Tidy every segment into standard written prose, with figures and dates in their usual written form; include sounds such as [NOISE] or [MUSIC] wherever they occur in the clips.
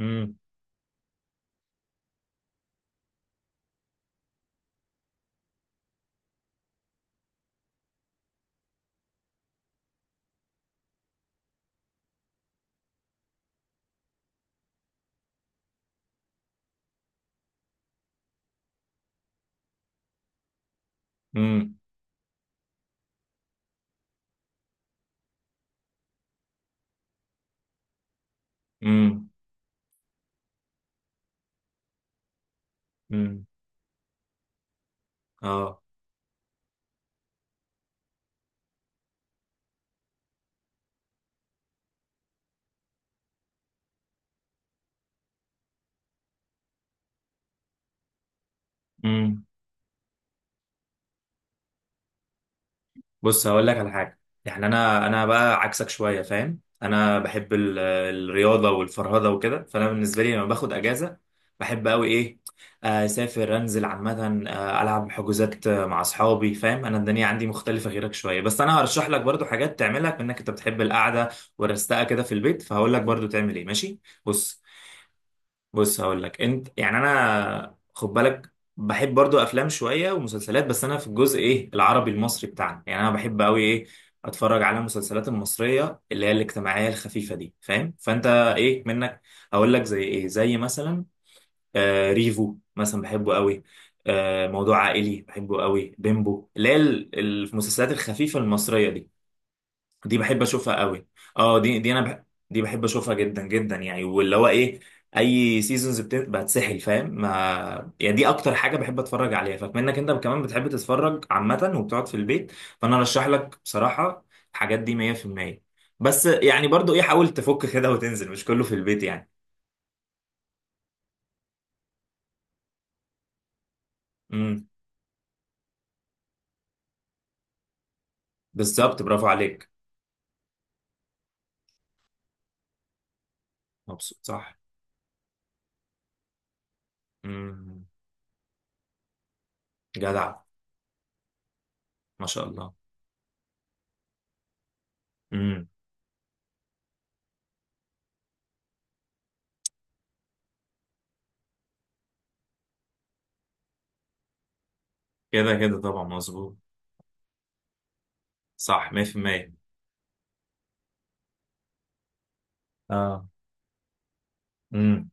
امم. امم. امم. امم. اه. امم. بص هقول لك على حاجه، يعني انا بقى عكسك شويه فاهم. انا بحب الرياضه والفرهده وكده، فانا بالنسبه لي لما باخد اجازه بحب قوي ايه، اسافر انزل عامه، العب حجوزات مع اصحابي فاهم. انا الدنيا عندي مختلفه غيرك شويه، بس انا هرشح لك برضو حاجات تعملها بانك انت بتحب القعده والرستقه كده في البيت، فهقول لك برضو تعمل ايه ماشي. بص. بص هقول لك انت، يعني انا خد بالك بحب برضو افلام شويه ومسلسلات، بس انا في الجزء ايه العربي المصري بتاعنا يعني انا بحب قوي ايه اتفرج على المسلسلات المصريه اللي هي الاجتماعيه الخفيفه دي فاهم، فانت ايه منك؟ هقول لك زي ايه، زي مثلا آه ريفو مثلا بحبه قوي، آه موضوع عائلي بحبه قوي بيمبو، اللي هي المسلسلات الخفيفه المصريه دي، دي بحب اشوفها قوي. اه، دي بحب اشوفها جدا جدا يعني، واللي هو ايه اي سيزونز بتسحل فاهم ما يعني، دي اكتر حاجه بحب اتفرج عليها، فبما انك انت كمان بتحب تتفرج عامه وبتقعد في البيت فانا ارشح لك بصراحه الحاجات دي 100%. بس يعني برضو ايه حاول تفك كده وتنزل مش كله في البيت يعني. امم. بالظبط، برافو عليك. مبسوط صح. امم. جدع. ما شاء الله. امم. كده كده طبعا مظبوط. صح 100%. اه. امم.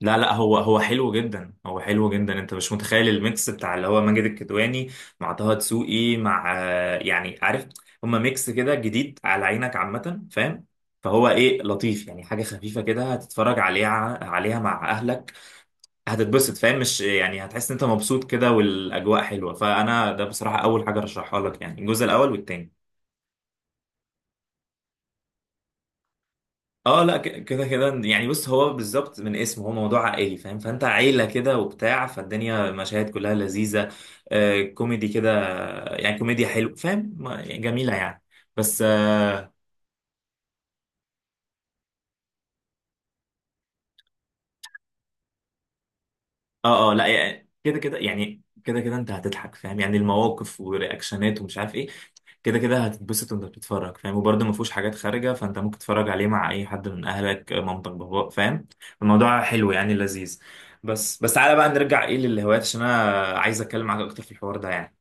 لا لا، هو هو حلو جدا، هو حلو جدا، انت مش متخيل الميكس بتاع اللي هو ماجد الكدواني مع طه دسوقي مع يعني عارف، هما ميكس كده جديد على عينك عامة فاهم. فهو ايه لطيف يعني حاجة خفيفة كده هتتفرج عليها مع اهلك هتتبسط فاهم، مش يعني هتحس ان انت مبسوط كده والاجواء حلوة، فانا ده بصراحة اول حاجة رشحها لك يعني، الجزء الاول والتاني. اه لا، كده كده يعني بص، هو بالظبط من اسمه هو موضوع عائلي فاهم، فانت عيلة كده وبتاع، فالدنيا مشاهد كلها لذيذة. آه كوميدي كده، يعني كوميديا حلو فاهم يعني جميلة يعني بس. اه اه لا يعني كده كده يعني كده كده انت هتضحك فاهم، يعني المواقف ورياكشنات ومش عارف ايه. كده كده هتتبسط وانت بتتفرج فاهم، وبرده ما فيهوش حاجات خارجه فانت ممكن تتفرج عليه مع اي حد من اهلك، مامتك باباك فاهم. الموضوع حلو يعني لذيذ. بس بس تعالى بقى نرجع ايه للهوايات، عشان انا عايز اتكلم معاك اكتر في الحوار ده يعني.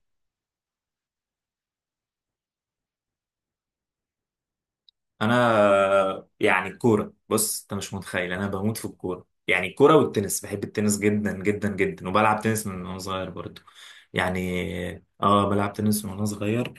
انا يعني الكوره، بص انت مش متخيل انا بموت في الكوره، يعني الكوره والتنس، بحب التنس جدا جدا جدا، وبلعب تنس من وانا صغير برضو، يعني اه بلعب تنس من وانا صغير.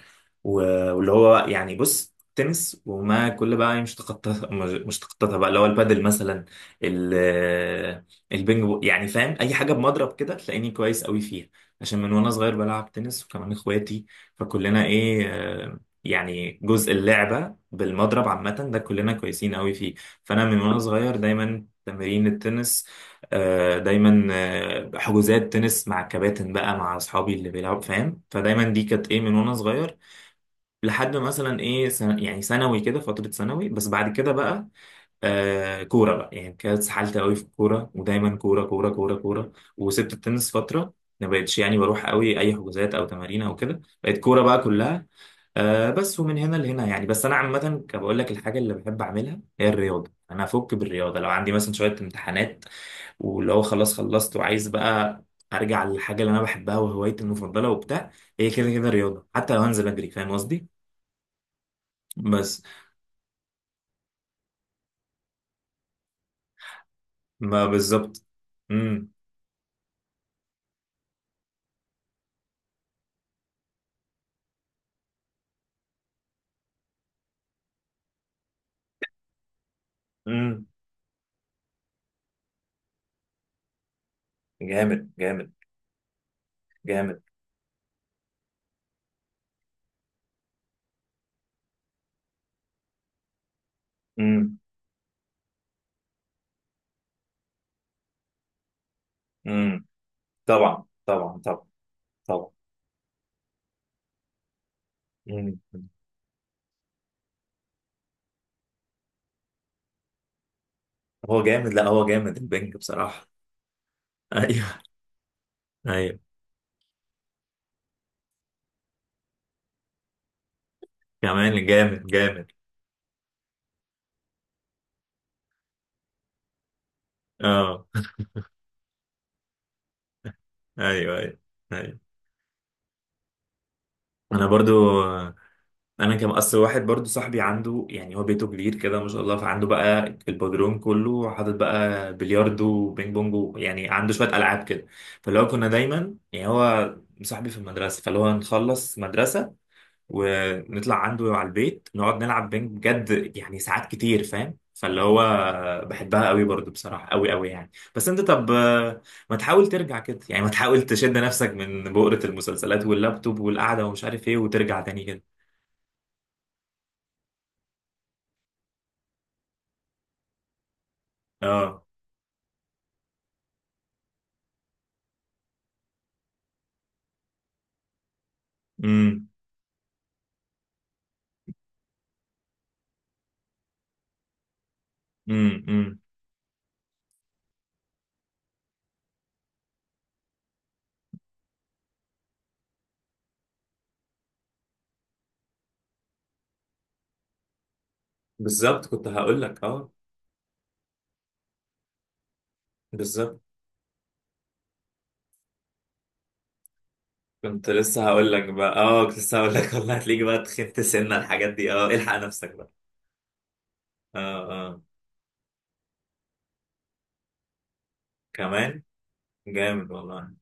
واللي هو يعني بص تنس وما كل بقى مش تخطط مش تخططها بقى اللي هو البادل مثلا، ال- البينج يعني فاهم اي حاجه بمضرب كده تلاقيني كويس قوي فيها. عشان من وانا صغير بلعب تنس وكمان اخواتي، فكلنا ايه يعني جزء اللعبه بالمضرب عامة ده كلنا كويسين قوي فيه. فأنا من وأنا صغير دايما تمارين التنس، دايما حجوزات تنس مع الكباتن بقى مع أصحابي اللي بيلعبوا فاهم، فدايما دي كانت إيه من وأنا صغير لحد مثلا إيه يعني ثانوي كده، فترة ثانوي. بس بعد كده بقى آه كورة بقى، يعني كانت اتسحلت قوي في الكورة، ودايما كورة كورة كورة كورة، وسبت التنس فترة. ما بقتش يعني بروح قوي أي حجوزات أو تمارين أو كده، بقت كورة بقى كلها. آه بس، ومن هنا لهنا يعني بس، انا عامه بقول لك الحاجه اللي بحب اعملها هي الرياضه، انا افك بالرياضه لو عندي مثلا شويه امتحانات، واللي هو خلاص خلصت وعايز بقى ارجع للحاجه اللي انا بحبها وهوايتي المفضله وبتاع، هي كده كده الرياضه حتى لو هنزل اجري فاهم قصدي. بس. ما بالظبط. امم. امم. جامد جامد. جامد. امم. امم. طبعا طبعا طبعا. طبعا. امم. هو جامد، لا هو جامد البنج بصراحه. [LAUGHS] ايوه. ايوه. كمان جامد جامد. اه. ايوه ايوه. ايوه. انا برضو. انا كان اصل واحد برضو صاحبي عنده، يعني هو بيته كبير كده ما شاء الله، فعنده بقى البدروم كله حاطط بقى بلياردو وبينج بونج، يعني عنده شويه العاب كده. فاللي هو كنا دايما يعني هو صاحبي في المدرسه، فاللي هو نخلص مدرسه ونطلع عنده على البيت نقعد نلعب بينج بجد يعني ساعات كتير فاهم، فاللي هو بحبها قوي برضو بصراحة قوي قوي يعني. بس انت طب ما تحاول ترجع كده يعني، ما تحاول تشد نفسك من بؤرة المسلسلات واللابتوب والقعدة ومش عارف ايه وترجع تاني كده. اه. امم. امم. امم. بالظبط كنت هقول لك اه. بالظبط كنت لسه هقول لك بقى اه، كنت لسه هقول لك والله هتلاقيك بقى تخنت سنة الحاجات دي، اه الحق نفسك بقى. اه. اه. كمان جامد والله.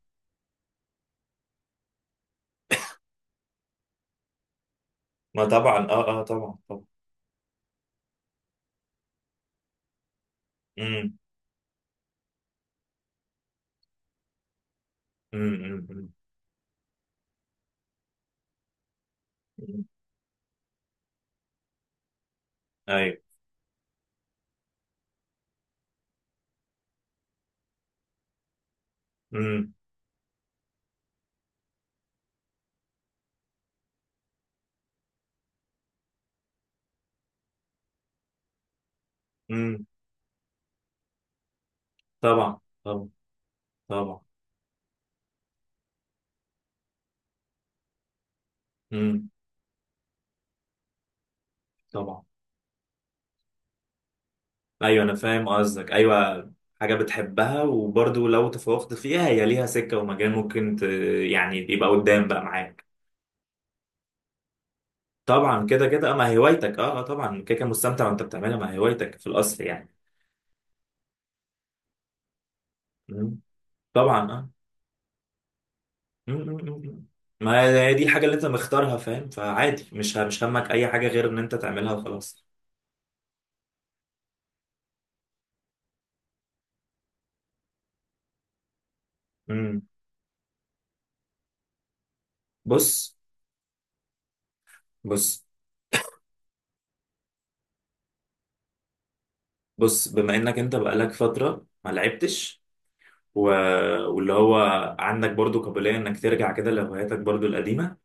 ما طبعا اه اه طبعا طبعا. امم. امم. امم. أمم. ايوه. امم. امم. طبعا طبعا طبعا. امم. طبعا. ايوه انا فاهم قصدك ايوه. حاجه بتحبها، وبرضو لو تفوقت فيها هي ليها سكه ومجال ممكن يعني يبقى قدام بقى معاك. طبعا كده كده ما هي هوايتك اه طبعا كده كده مستمتع وانت بتعملها، ما هي هوايتك في الاصل يعني. امم. طبعا اه. أمم، أمم، أمم. امم. ما هي دي الحاجه اللي انت مختارها فاهم، فعادي مش همك اي حاجه غير ان انت تعملها وخلاص. امم. بص. بص. بص، بما انك انت بقالك فترة ما لعبتش و... واللي هو عندك برضو قابلية انك ترجع كده لهواياتك برضو القديمة،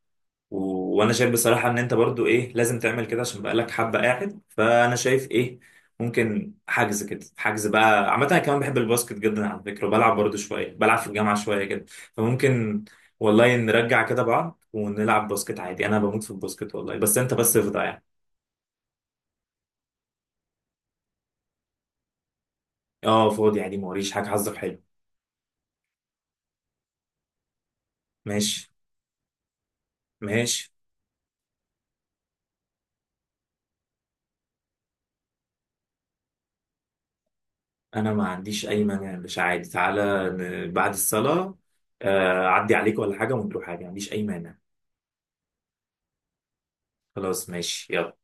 و... وانا شايف بصراحة ان انت برضو ايه لازم تعمل كده عشان بقالك حبة قاعد، فانا شايف ايه ممكن حجز كده، حجز بقى عامة، انا كمان بحب الباسكت جدا على فكرة، وبلعب برضو شوية بلعب في الجامعة شوية كده، فممكن والله نرجع كده بعض ونلعب باسكت عادي، انا بموت في الباسكت والله، بس انت بس افضى يعني. اه فاضي عادي، موريش حاجة، حظك حلو. ماشي. ماشي. انا ما عنديش اي مانع مش عادي تعالى بعد الصلاة، اعدي عليك ولا حاجة ونروح حاجة، ما عنديش اي مانع. خلاص ماشي يلا.